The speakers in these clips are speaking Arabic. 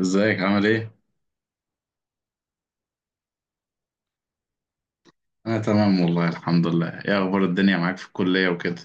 ازيك عامل ايه؟ انا تمام والله الحمد لله. ايه اخبار الدنيا معاك في الكلية وكده؟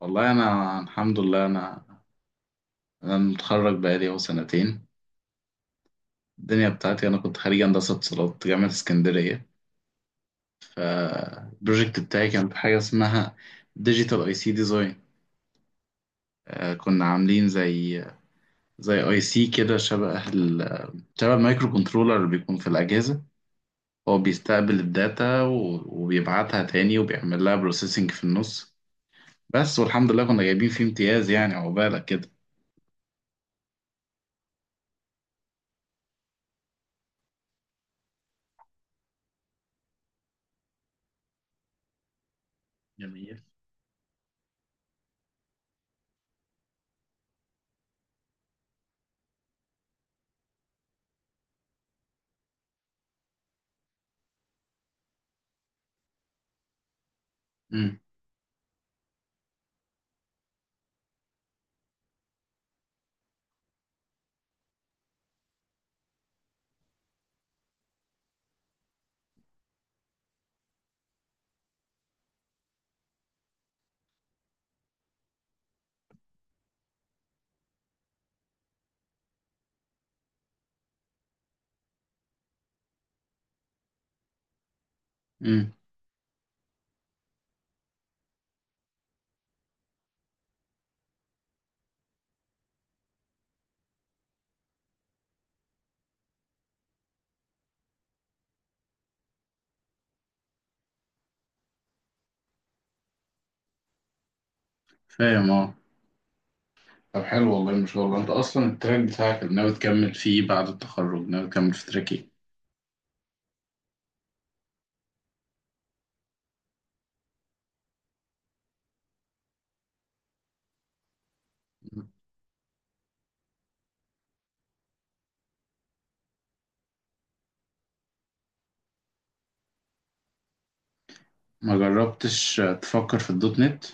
والله انا الحمد لله. انا متخرج بقالي اهو سنتين. الدنيا بتاعتي انا كنت خريج هندسة اتصالات جامعة اسكندرية. البروجكت بتاعي كان في حاجة اسمها ديجيتال اي سي ديزاين. كنا عاملين زي اي سي كده شبه المايكرو كنترولر اللي بيكون في الأجهزة. هو بيستقبل الداتا وبيبعتها تاني وبيعمل لها بروسيسنج في النص. بس والحمد لله كنا جايبين فيه امتياز، يعني عقبالك كده. جميل. امم امم فاهم اه. طب حلو والله ما شاء الله، انت اصلا التراك بتاعك اللي ناوي تكمل فيه بعد التخرج، ناوي تكمل في تراك ايه؟ ما جربتش تفكر في الدوت نت؟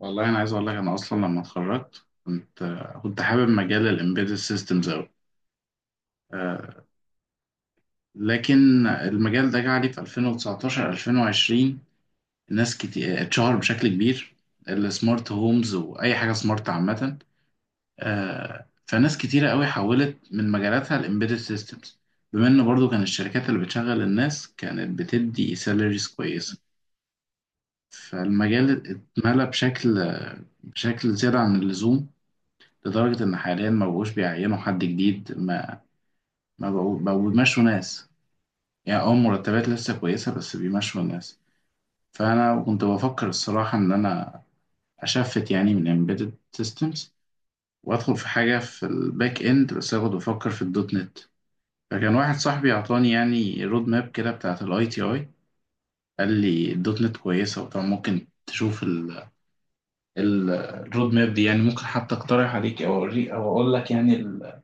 والله انا عايز اقول لك، انا اصلا لما اتخرجت كنت كنت حابب مجال الامبيدد سيستمز قوي. لكن المجال ده جه عليه في 2019 2020 ناس كتير اتشهر بشكل كبير، السمارت هومز واي حاجه سمارت عامه. فناس كتيرة قوي حولت من مجالاتها الامبيدد سيستمز، بما ان برضو كان الشركات اللي بتشغل الناس كانت بتدي سالاريز كويسة. فالمجال اتملى بشكل زيادة عن اللزوم، لدرجة ان حاليا ما بقوش بيعينوا حد جديد، ما بقوا بيمشوا ناس. يعني اه مرتبات لسه كويسة بس بيمشوا الناس. فانا كنت بفكر الصراحة ان انا اشفت يعني من امبيدد سيستمز وادخل في حاجة في الباك اند، بس انا كنت بفكر في الدوت نت. فكان واحد صاحبي اعطاني يعني رود ماب كده بتاعت الاي تي اي. قال لي الدوت نت كويسه، وطبعا ممكن تشوف الرود ماب دي، يعني ممكن حتى اقترح عليك او اوريك او اقول لك يعني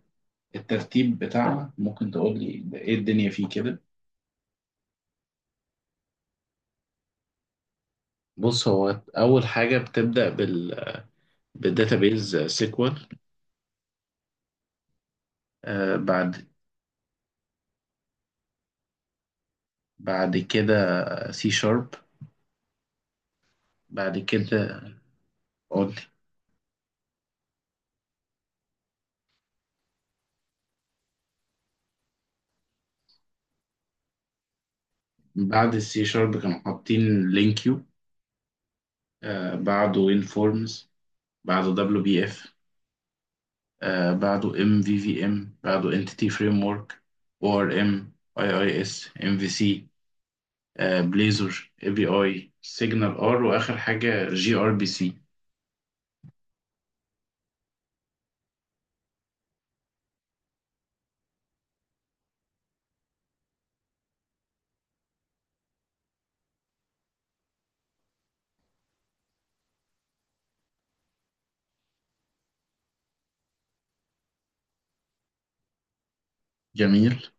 الترتيب بتاعها، ممكن تقول لي ده ايه الدنيا فيه كده. بص هو اول حاجه بتبدا بالداتابيز سيكوال. آه بعد بعد كده سي شارب. بعد كده قول لي. بعد السي شارب كانوا حاطين لينكيو، آه بعده انفورمز، بعده دبليو بي اف، آه بعده ام في في ام، بعده انتيتي فريم ورك او ار ام، اي اي اس ام في سي، بليزر اي بي اي سيجنال ار، واخر حاجه جي ار بي سي. جميل.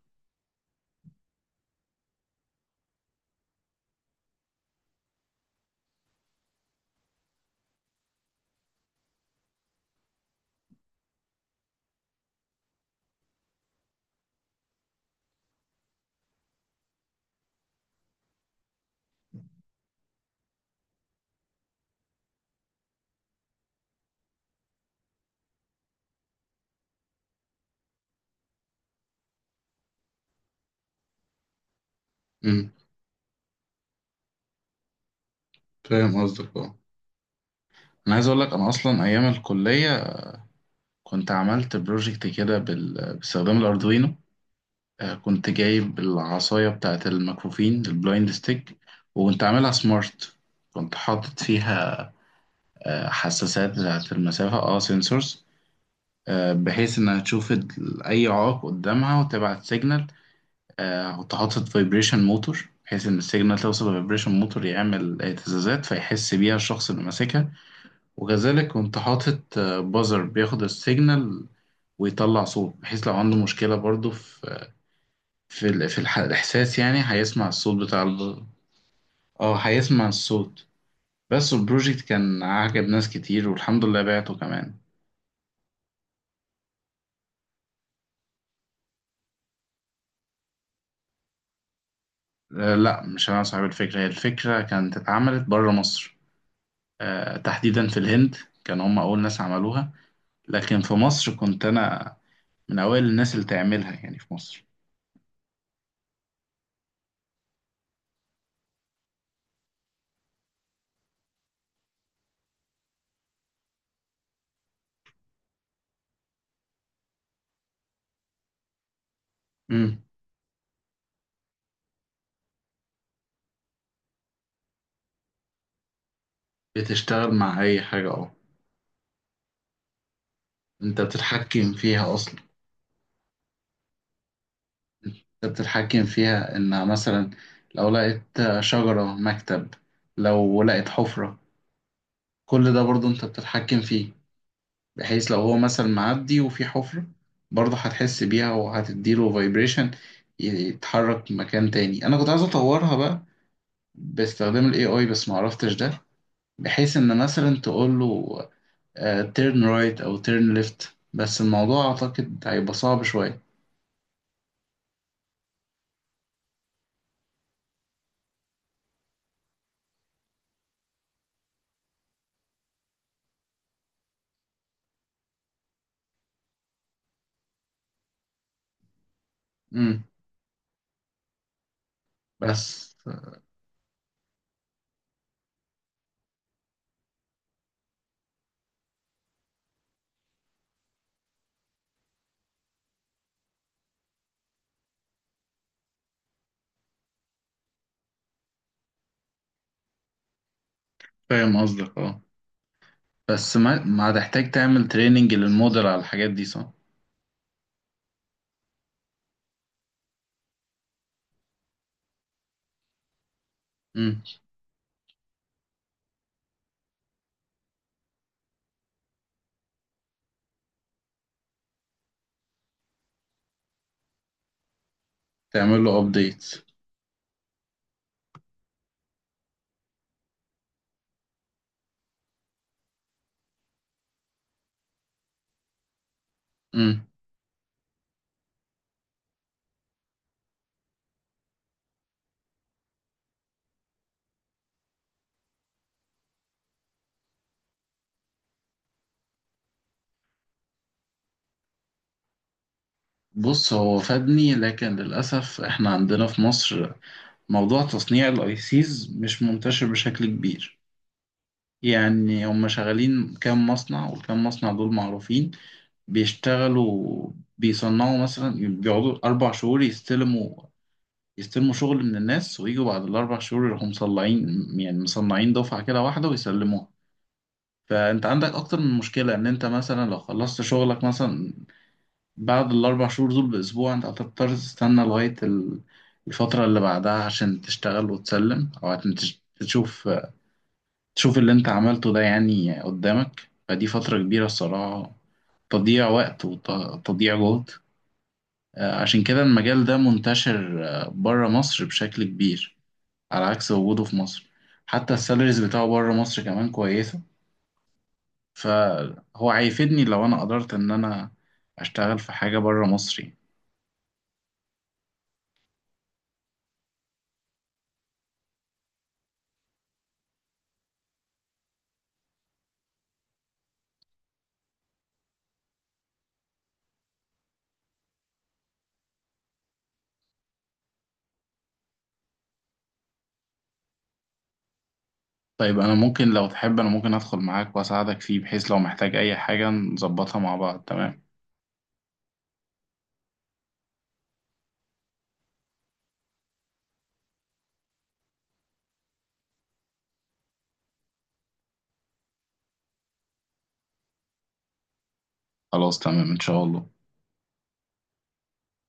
امم فاهم قصدك اه. انا عايز اقول لك، انا اصلا ايام الكليه كنت عملت بروجكت كده باستخدام الاردوينو. كنت جايب العصايه بتاعه المكفوفين البلايند ستيك، وكنت عاملها سمارت. كنت حاطط فيها حساسات بتاعه المسافه، اه سنسورز. بحيث انها تشوف اي عائق قدامها وتبعت سيجنال. وتحط فايبريشن موتور بحيث ان السيجنال توصل لفايبريشن موتور يعمل اهتزازات فيحس بيها الشخص اللي ماسكها. وكذلك كنت حاطط بازر بياخد السيجنال ويطلع صوت، بحيث لو عنده مشكلة برضو في الإحساس، يعني هيسمع الصوت اه هيسمع الصوت. بس البروجكت كان عجب ناس كتير والحمد لله بعته كمان. لا مش انا صاحب الفكرة، هي الفكرة كانت اتعملت بره مصر، تحديدا في الهند. كانوا هم أول ناس عملوها، لكن في مصر كنت أنا من أوائل الناس اللي تعملها يعني في مصر. مم. بتشتغل مع أي حاجة أه. أنت بتتحكم فيها أصلا. أنت بتتحكم فيها إنها مثلا لو لقيت شجرة، مكتب، لو لقيت حفرة، كل ده برضه أنت بتتحكم فيه. بحيث لو هو مثلا معدي وفي حفرة، برضه هتحس بيها وهتديله فايبريشن يتحرك مكان تاني. أنا كنت عايز أطورها بقى باستخدام الاي اي بس ما عرفتش ده، بحيث ان مثلا تقول له تيرن رايت او تيرن ليفت، بس الموضوع اعتقد هيبقى صعب شويه. امم بس فاهم قصدك اه. بس ما هتحتاج تعمل تريننج للموديل على الحاجات دي صح؟ امم تعمل له ابديت. امم بص هو فادني، لكن للاسف احنا عندنا في مصر موضوع تصنيع الاي سيز مش منتشر بشكل كبير. يعني هم شغالين كام مصنع، والكام مصنع دول معروفين بيشتغلوا. بيصنعوا مثلا، بيقعدوا أربع شهور يستلموا يستلموا شغل من الناس، ويجوا بعد الأربع شهور يروحوا مصنعين، يعني مصنعين دفعة كده واحدة ويسلموها. فأنت عندك أكتر من مشكلة، إن أنت مثلا لو خلصت شغلك مثلا بعد الأربع شهور دول بأسبوع، أنت هتضطر تستنى لغاية الفترة اللي بعدها عشان تشتغل وتسلم، أو عشان تشوف تشوف اللي أنت عملته ده يعني قدامك. فدي فترة كبيرة الصراحة، تضييع وقت وتضييع جهد. عشان كده المجال ده منتشر بره مصر بشكل كبير، على عكس وجوده في مصر. حتى السالاريز بتاعه بره مصر كمان كويسة. فهو هيفيدني لو أنا قدرت إن أنا أشتغل في حاجة بره مصر يعني. طيب أنا ممكن لو تحب أنا ممكن أدخل معاك وأساعدك فيه، بحيث لو محتاج أي حاجة نظبطها مع بعض، تمام؟ خلاص تمام إن شاء الله.